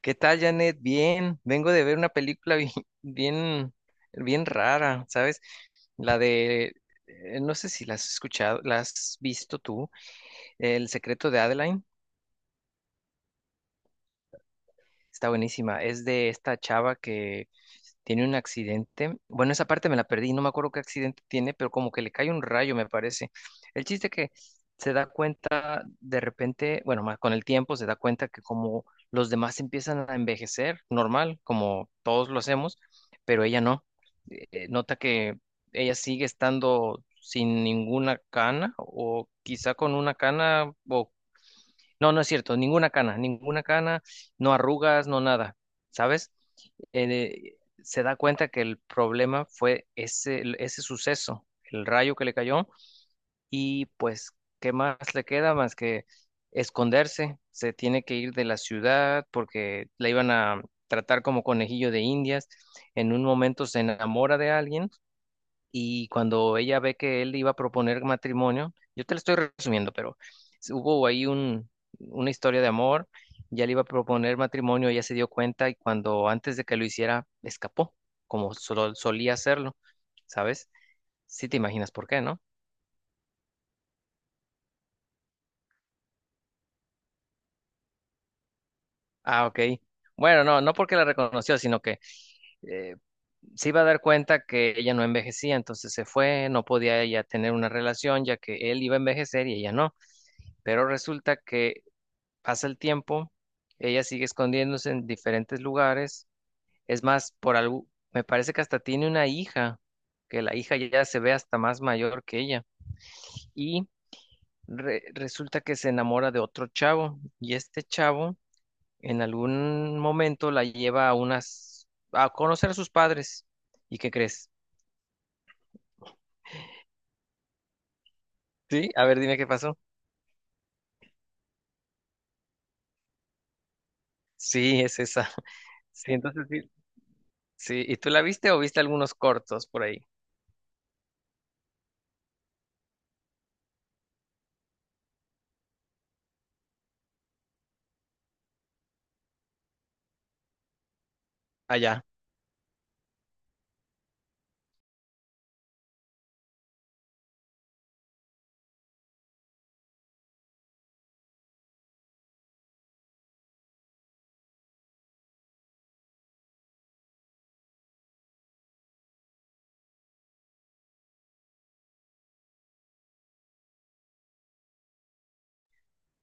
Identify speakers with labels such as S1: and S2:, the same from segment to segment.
S1: ¿Qué tal, Janet? Bien, vengo de ver una película bien, bien, bien rara, ¿sabes? La de, no sé si la has escuchado, la has visto tú, El secreto de Adeline. Está buenísima. Es de esta chava que tiene un accidente. Bueno, esa parte me la perdí, no me acuerdo qué accidente tiene, pero como que le cae un rayo, me parece. El chiste que se da cuenta de repente, bueno, más con el tiempo se da cuenta que como los demás empiezan a envejecer, normal, como todos lo hacemos, pero ella no. Nota que ella sigue estando sin ninguna cana o quizá con una cana o no, no es cierto, ninguna cana, no arrugas, no nada, ¿sabes? Eh, Se da cuenta que el problema fue ese, ese suceso, el rayo que le cayó, y pues, ¿qué más le queda más que esconderse? Se tiene que ir de la ciudad porque la iban a tratar como conejillo de Indias. En un momento se enamora de alguien y cuando ella ve que él iba a proponer matrimonio, yo te lo estoy resumiendo, pero hubo ahí una historia de amor, ya le iba a proponer matrimonio, ella se dio cuenta y cuando antes de que lo hiciera, escapó, como solía hacerlo, ¿sabes? Sí te imaginas por qué, ¿no? Ah, ok. Bueno, no, no porque la reconoció, sino que eh, se iba a dar cuenta que ella no envejecía, entonces se fue, no podía ella tener una relación ya que él iba a envejecer y ella no. Pero resulta que pasa el tiempo, ella sigue escondiéndose en diferentes lugares. Es más, por algo, me parece que hasta tiene una hija, que la hija ya se ve hasta más mayor que ella. Y resulta que se enamora de otro chavo. Y este chavo en algún momento la lleva a a conocer a sus padres. ¿Y qué crees? Sí, a ver, dime qué pasó. Sí, es esa. Sí, entonces sí. Sí, ¿y tú la viste o viste algunos cortos por ahí? Allá.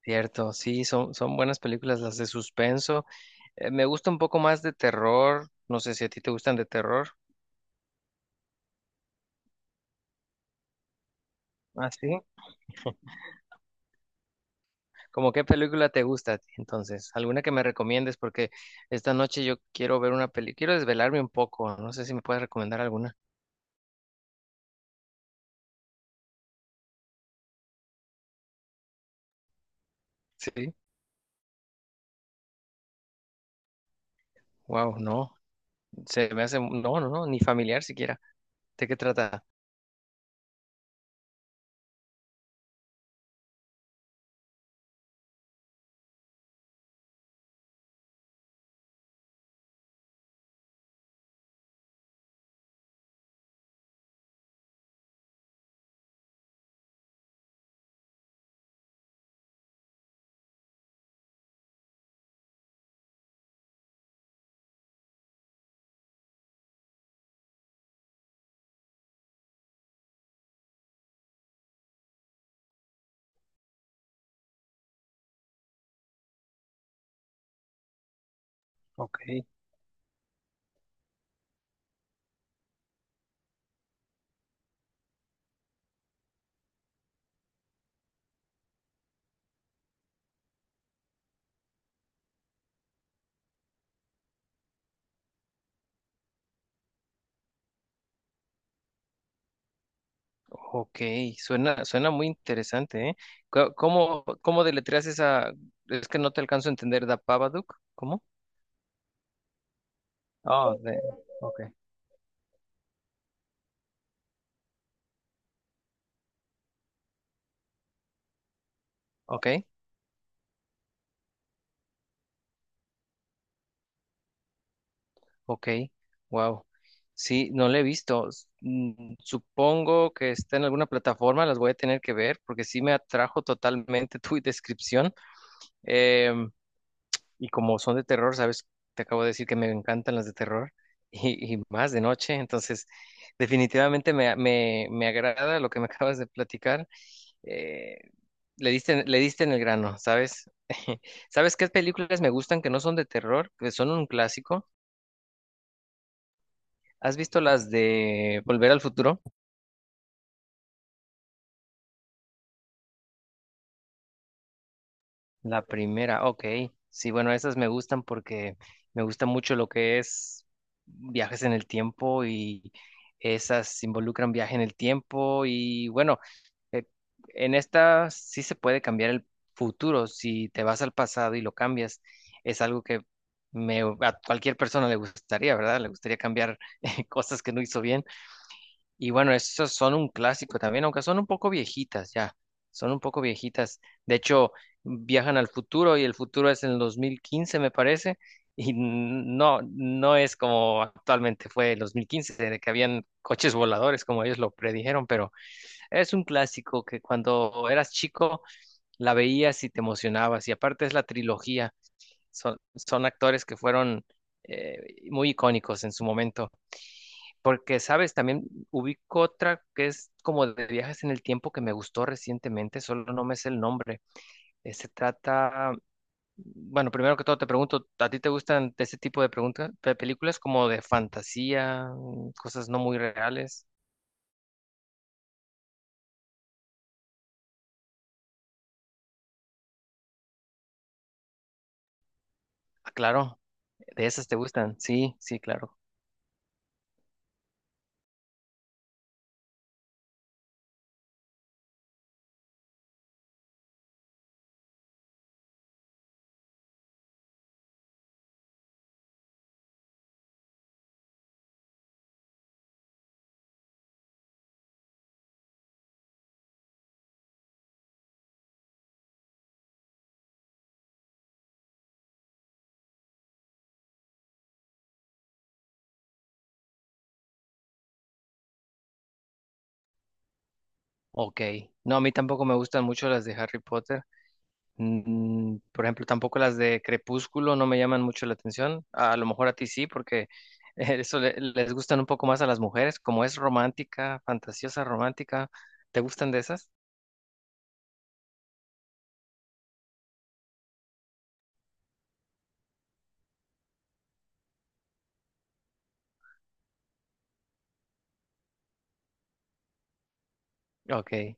S1: Cierto, sí, son, son buenas películas las de suspenso. Me gusta un poco más de terror. No sé si a ti te gustan de terror. Ah, sí. ¿Cómo qué película te gusta a ti, entonces? ¿Alguna que me recomiendes? Porque esta noche yo quiero ver una película, quiero desvelarme un poco. No sé si me puedes recomendar alguna. Sí. Wow, no. Se me hace, no, no, no, ni familiar siquiera. ¿De qué trata? Ok, ok, suena, suena muy interesante, ¿eh? Cómo deletreas esa? Es que no te alcanzo a entender, ¿da Babadook? ¿Cómo? Oh, de, ok, ok, ok, wow. Sí, no la he visto. Supongo que está en alguna plataforma, las voy a tener que ver porque sí me atrajo totalmente tu descripción. Em, y como son de terror, sabes, te acabo de decir que me encantan las de terror y más de noche, entonces definitivamente me agrada lo que me acabas de platicar. Eh, Le diste, le diste en el grano, ¿sabes? ¿Sabes qué películas me gustan que no son de terror, que son un clásico? ¿Has visto las de Volver al Futuro? La primera, ok. Sí, bueno, esas me gustan porque me gusta mucho lo que es viajes en el tiempo y esas involucran viaje en el tiempo y bueno, Eh, En esta sí se puede cambiar el futuro. Si te vas al pasado y lo cambias, es algo que a cualquier persona le gustaría, ¿verdad? Le gustaría cambiar cosas que no hizo bien. Y bueno, esos son un clásico también, aunque son un poco viejitas ya. Son un poco viejitas. De hecho, viajan al futuro y el futuro es en el 2015, me parece. Y no, no es como actualmente fue el 2015, de que habían coches voladores, como ellos lo predijeron, pero es un clásico que cuando eras chico la veías y te emocionabas. Y aparte es la trilogía. Son actores que fueron eh, muy icónicos en su momento. Porque, sabes, también ubico otra que es como de viajes en el tiempo que me gustó recientemente, solo no me sé el nombre. Eh, se trata, bueno, primero que todo te pregunto, ¿a ti te gustan de ese tipo de preguntas, de películas como de fantasía, cosas no muy reales? Ah, claro, de esas te gustan. Sí, sí, claro. Ok. No, a mí tampoco me gustan mucho las de Harry Potter. Por ejemplo, tampoco las de Crepúsculo no me llaman mucho la atención. A lo mejor a ti sí, porque eso les gustan un poco más a las mujeres, como es romántica, fantasiosa romántica. ¿Te gustan de esas? Ok.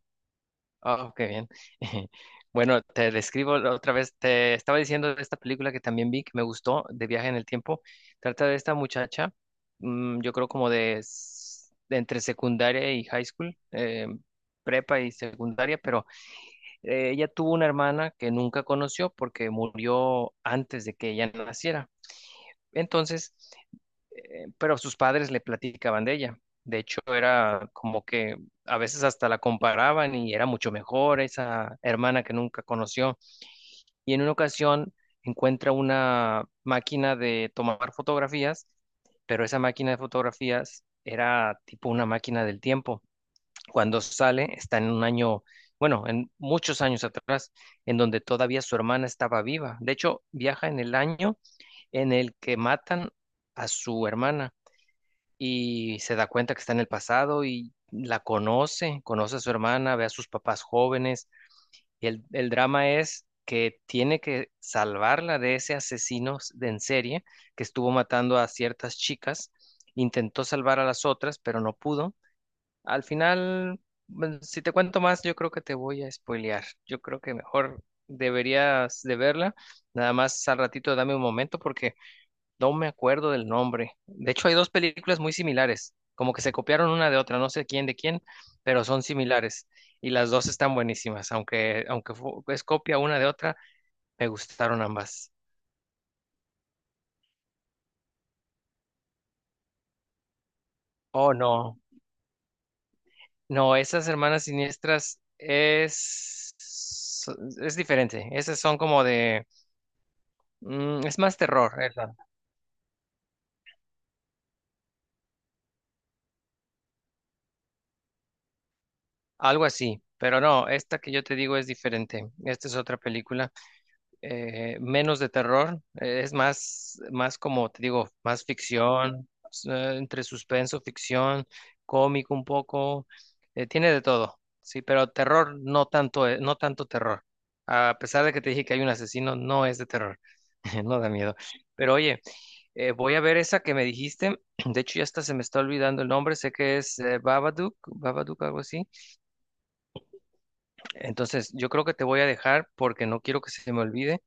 S1: Oh, qué bien. Bueno, te describo la otra vez. Te estaba diciendo de esta película que también vi, que me gustó, de Viaje en el Tiempo. Trata de esta muchacha, yo creo como de entre secundaria y high school, prepa y secundaria, pero ella tuvo una hermana que nunca conoció porque murió antes de que ella naciera. Entonces, pero sus padres le platicaban de ella. De hecho, era como que a veces hasta la comparaban y era mucho mejor esa hermana que nunca conoció. Y en una ocasión encuentra una máquina de tomar fotografías, pero esa máquina de fotografías era tipo una máquina del tiempo. Cuando sale, está en un año, bueno, en muchos años atrás, en donde todavía su hermana estaba viva. De hecho, viaja en el año en el que matan a su hermana y se da cuenta que está en el pasado y la conoce, conoce a su hermana, ve a sus papás jóvenes y el drama es que tiene que salvarla de ese asesino de en serie que estuvo matando a ciertas chicas, intentó salvar a las otras, pero no pudo. Al final, bueno, si te cuento más, yo creo que te voy a spoilear. Yo creo que mejor deberías de verla. Nada más al ratito dame un momento porque no me acuerdo del nombre. De hecho, hay dos películas muy similares, como que se copiaron una de otra, no sé quién de quién, pero son similares. Y las dos están buenísimas, aunque es copia una de otra, me gustaron ambas. Oh, no. No, esas hermanas siniestras es diferente. Esas son como de... es más terror, esa, algo así. Pero no, esta que yo te digo es diferente. Esta es otra película. Menos de terror, es más, más como te digo, más ficción, entre suspenso, ficción, cómico un poco, tiene de todo, sí, pero terror no tanto, no tanto terror. A pesar de que te dije que hay un asesino, no es de terror, no da miedo. Pero oye, voy a ver esa que me dijiste, de hecho ya hasta se me está olvidando el nombre, sé que es Babadook, Babadook, algo así. Entonces, yo creo que te voy a dejar porque no quiero que se me olvide.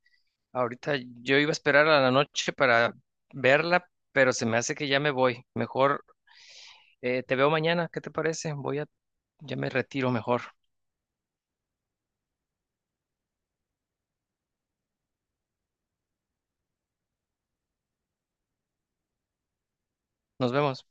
S1: Ahorita yo iba a esperar a la noche para verla, pero se me hace que ya me voy. Mejor te veo mañana, ¿qué te parece? Ya me retiro mejor. Nos vemos.